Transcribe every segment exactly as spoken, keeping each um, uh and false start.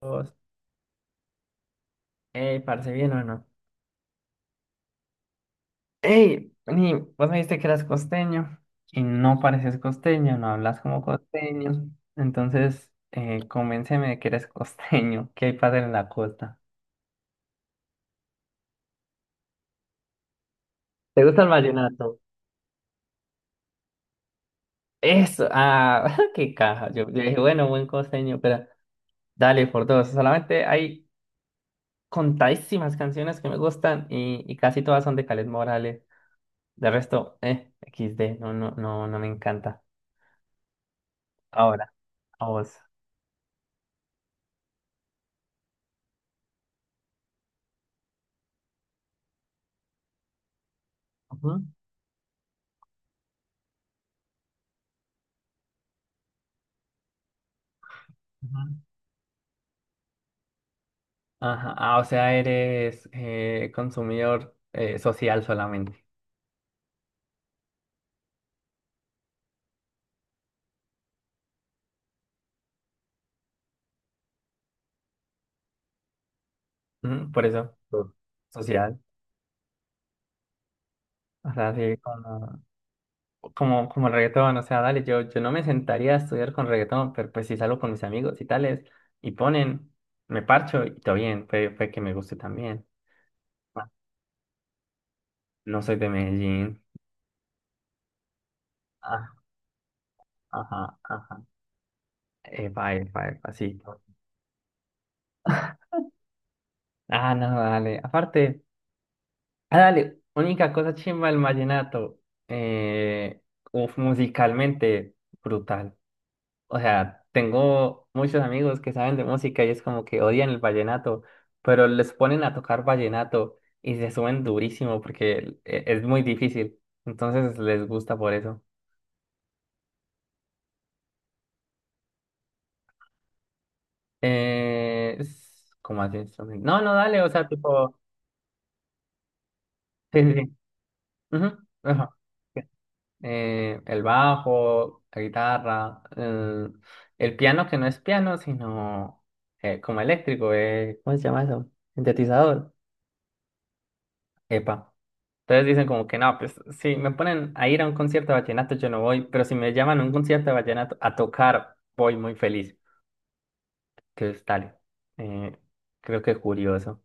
Dos. Ey, ¿parece bien o no? Ey, ni vos me dijiste que eras costeño y no pareces costeño, no hablas como costeño. Entonces, eh, convénceme de que eres costeño, qué hay padre en la costa. ¿Te gusta el vallenato? Eso, ah, qué caja. Yo, yo dije, bueno, buen costeño, pero dale por dos. Solamente hay contadísimas canciones que me gustan y, y casi todas son de Caled Morales. De resto, eh, equis de, no, no, no, no me encanta. Ahora, a vos. Ujú, ujú. Ajá. Ah, o sea, eres eh, consumidor eh, social solamente. Ujú, por eso, claro. Social. O sea, sí, como, como, como el reggaetón. O sea, dale, yo, yo no me sentaría a estudiar con reggaetón, pero pues si salgo con mis amigos y tales, y ponen, me parcho y todo bien, fue, fue que me guste también. Ah, no soy de Medellín. Ah, ajá, ajá. Epa, epa, epa, sí. Ah, no, dale. Aparte. Ah, dale, única cosa chimba del vallenato. Eh, uf, musicalmente brutal. O sea, tengo muchos amigos que saben de música y es como que odian el vallenato, pero les ponen a tocar vallenato y se suben durísimo porque e- es muy difícil. Entonces les gusta por eso. Eh, es- ¿cómo así? No, no, dale, o sea, tipo. Sí, sí, sí. Ujú, ajá. eh, el bajo, la guitarra, eh, el piano que no es piano, sino eh, como eléctrico, eh, ¿cómo se llama eso? Sintetizador. Epa. Entonces dicen como que no, pues si me ponen a ir a un concierto de vallenato yo no voy, pero si me llaman a un concierto de vallenato a tocar, voy muy feliz. Entonces tal, eh, creo que es curioso.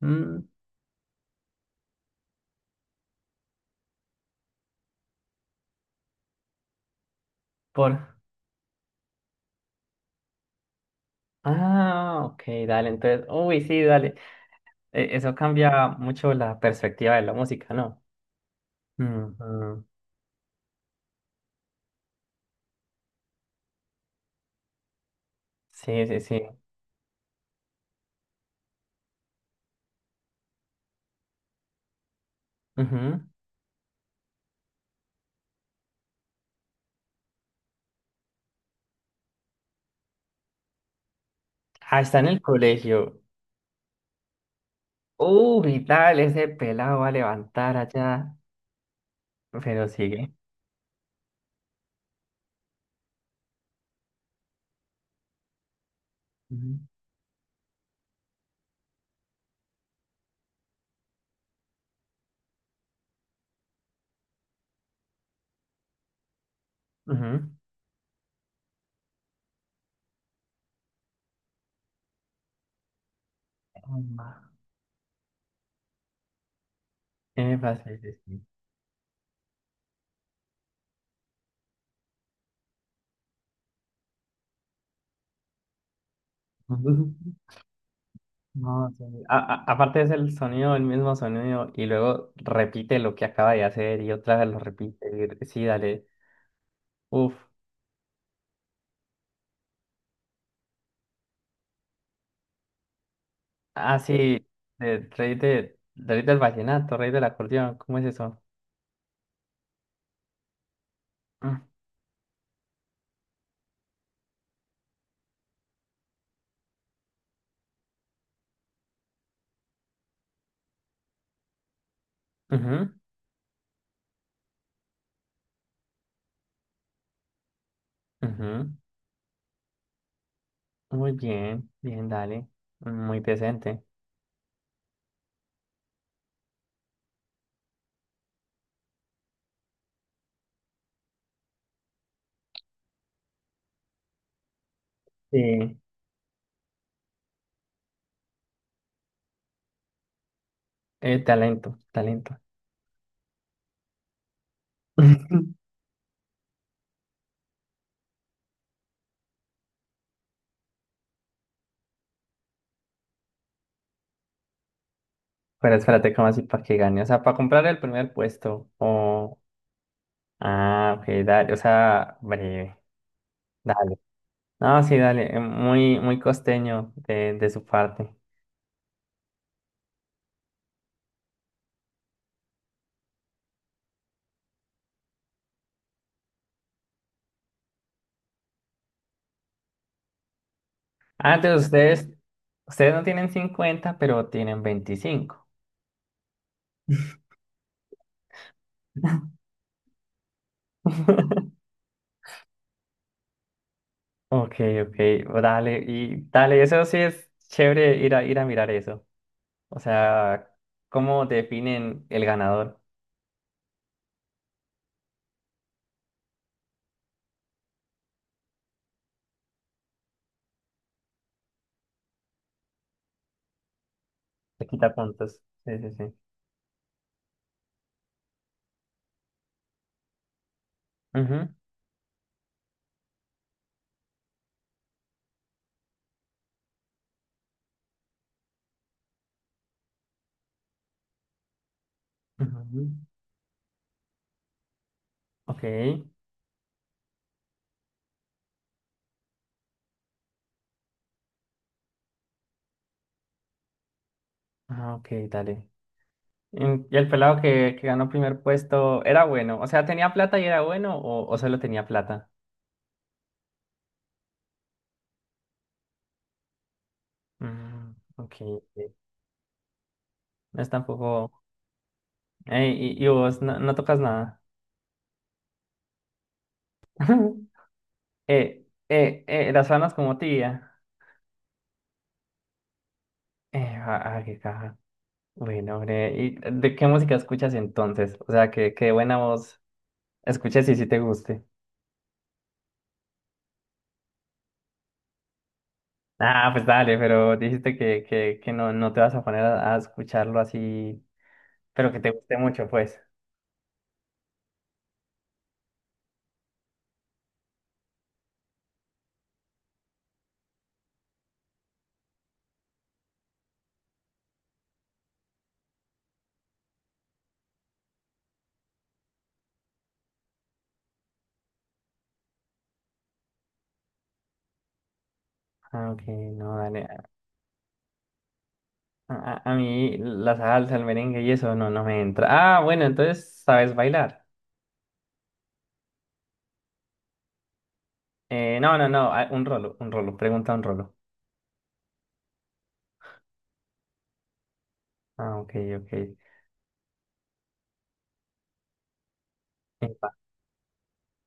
Mm, por... Ah, ok, dale, entonces, uy, sí, dale. E- Eso cambia mucho la perspectiva de la música, ¿no? Ujú. Sí, sí, sí. Ujú. Ah, está en el colegio. Uy, tal, ese pelado va a levantar allá. Pero sigue. Ujú. Ujú. Emma. Epa, sí, sí, sí. Ujú. No, sí. A- a- aparte es el sonido, el mismo sonido, y luego repite lo que acaba de hacer y otra vez lo repite. y- sí, dale. Uf. Ah, sí. de- rey, de, rey del vallenato, rey del acordeón. ¿Cómo es eso? Mm. Ujú, ujú. Muy bien, bien, dale. Muy decente. Sí. Eh, talento, talento. Pero espérate, ¿cómo así para que gane? O sea, para comprar el primer puesto. O. Ah, ok, dale. O sea, breve. Dale. No, sí, dale. eh, Muy, muy costeño de, de su parte. Ah, entonces ustedes, ustedes no tienen cincuenta pero tienen veinticinco. Ok, ok, dale. Y dale, eso sí es chévere ir a, ir a mirar eso. O sea, ¿cómo definen el ganador? Le quita puntos. Sí, sí, sí. Ujú, ujú. Ok. Ah, ok, dale. En- ¿Y el pelado que, que ganó primer puesto era bueno? O sea, ¿tenía plata y era bueno o, o solo tenía plata? Mm, ok. Ok. No es tampoco... Ey, y, y vos no, no tocas nada. eh, eh, eh, las manos como tía. Eh, ah, ah, qué caja. Bueno, hombre, ¿y de qué música escuchas entonces? O sea, que, que buena voz. Escuché si sí te guste. Ah, pues dale, pero dijiste que, que, que no, no te vas a poner a, a escucharlo así, pero que te guste mucho, pues. Ah, ok, no, dale. A, a- a mí la salsa, el merengue y eso no, no me entra. Ah, bueno, entonces, ¿sabes bailar? Eh, no, no, no, ah, un rolo, un rolo, pregunta un rolo. Ah, ok, ok. Epa.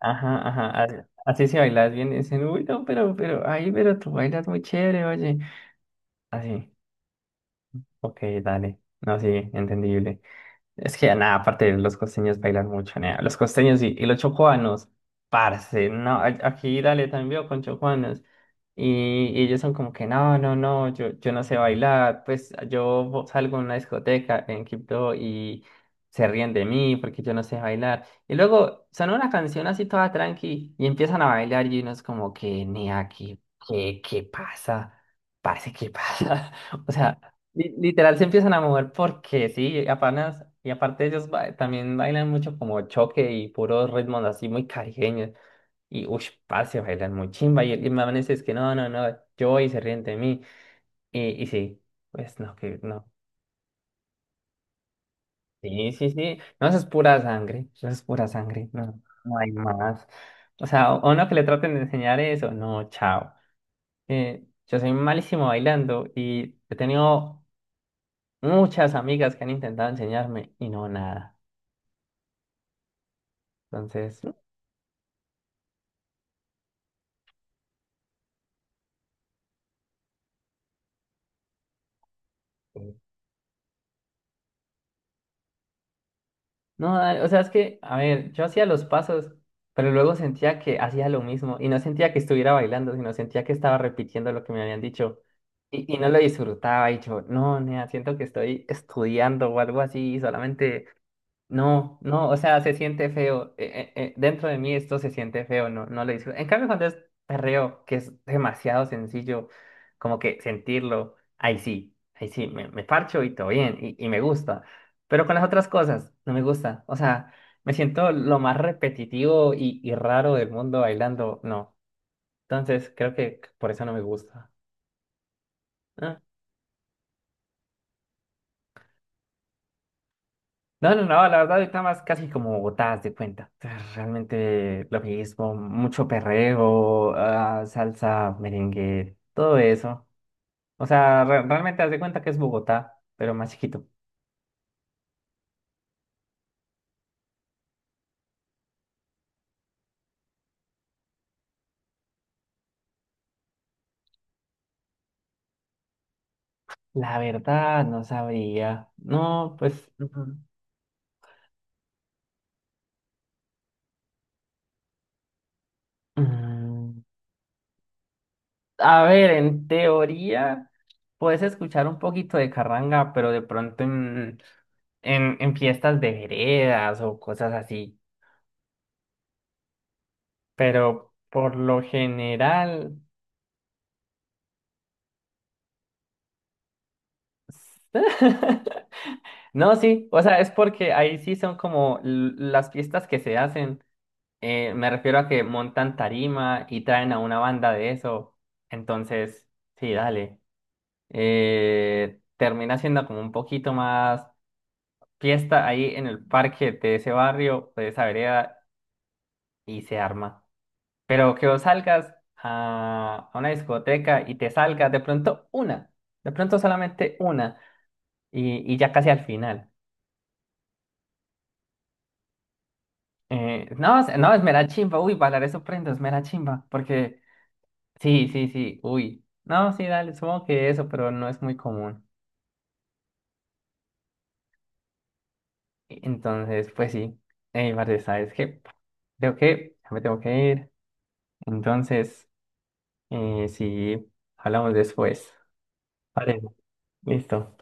Ajá, ajá, así, así si bailas bien, dicen, uy, no, pero, pero, ay, pero tú bailas muy chévere, oye. Así, ok, dale. No, sí, entendible. Es que nada, aparte los costeños bailan mucho, nea. Los costeños y, y los chocuanos, parce, no, a- aquí dale también veo con chocuanos. Y, y ellos son como que no, no, no, yo, yo no sé bailar, pues yo salgo a una discoteca en Quibdó y se ríen de mí porque yo no sé bailar. Y luego son una canción así toda tranqui y empiezan a bailar y uno es como que, nea, ¿qué, qué, qué pasa? Parce, ¿qué pasa? O sea, Li- literal se empiezan a mover porque sí, apenas, y aparte ellos ba- también bailan mucho como choque y puros ritmos así muy caribeños. Y uff, parce, bailan muy chimba. Y, y manes es que no, no, no, yo voy y se ríen de mí. Y, y sí, pues no, que no. Sí, sí, sí. No, eso es pura sangre. Eso es pura sangre. No, no hay más. O sea, o- a uno que le traten de enseñar eso, no, chao. Eh, yo soy malísimo bailando y he tenido muchas amigas que han intentado enseñarme y no nada. Entonces, eh, no, dale, o sea, es que, a ver, yo hacía los pasos, pero luego sentía que hacía lo mismo y no sentía que estuviera bailando, sino sentía que estaba repitiendo lo que me habían dicho y, y no lo disfrutaba y yo, no, nea, siento que estoy estudiando o algo así, solamente. No, no, o sea, se siente feo. eh, eh, eh, dentro de mí esto se siente feo, no, no lo disfruto. En cambio, cuando es perreo, que es demasiado sencillo, como que sentirlo, ahí sí, ahí sí, me, me parcho y todo bien, y, y me gusta. Pero con las otras cosas, no me gusta. O sea, me siento lo más repetitivo y, y raro del mundo bailando, no. Entonces, creo que por eso no me gusta. Ah, no, no, no, la verdad ahorita más casi como Bogotá, haz de cuenta. Realmente lo mismo, mucho perreo, ah, salsa, merengue, todo eso. O sea, re- realmente haz de cuenta que es Bogotá, pero más chiquito. La verdad, no sabría. No, pues, ujú. mm, a ver, en teoría puedes escuchar un poquito de carranga, pero de pronto en, en, en fiestas de veredas o cosas así. Pero por lo general... No, sí, o sea, es porque ahí sí son como l- las fiestas que se hacen. eh, me refiero a que montan tarima y traen a una banda de eso. Entonces, sí, dale. Eh, termina siendo como un poquito más fiesta ahí en el parque de ese barrio, de esa vereda, y se arma. Pero que vos salgas a a una discoteca y te salgas de pronto una, de pronto solamente una, y, y ya casi al final. Eh, no, es- no, es mera chimba, uy, bailar eso prendo, es mera chimba, porque sí, sí, sí, uy, no, sí, dale, supongo que eso, pero no es muy común. Entonces, pues sí, eh, Marce, ¿sabes qué? Creo que ya me tengo que ir, entonces, eh, sí, hablamos después. Vale, listo.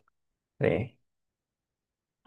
Sí.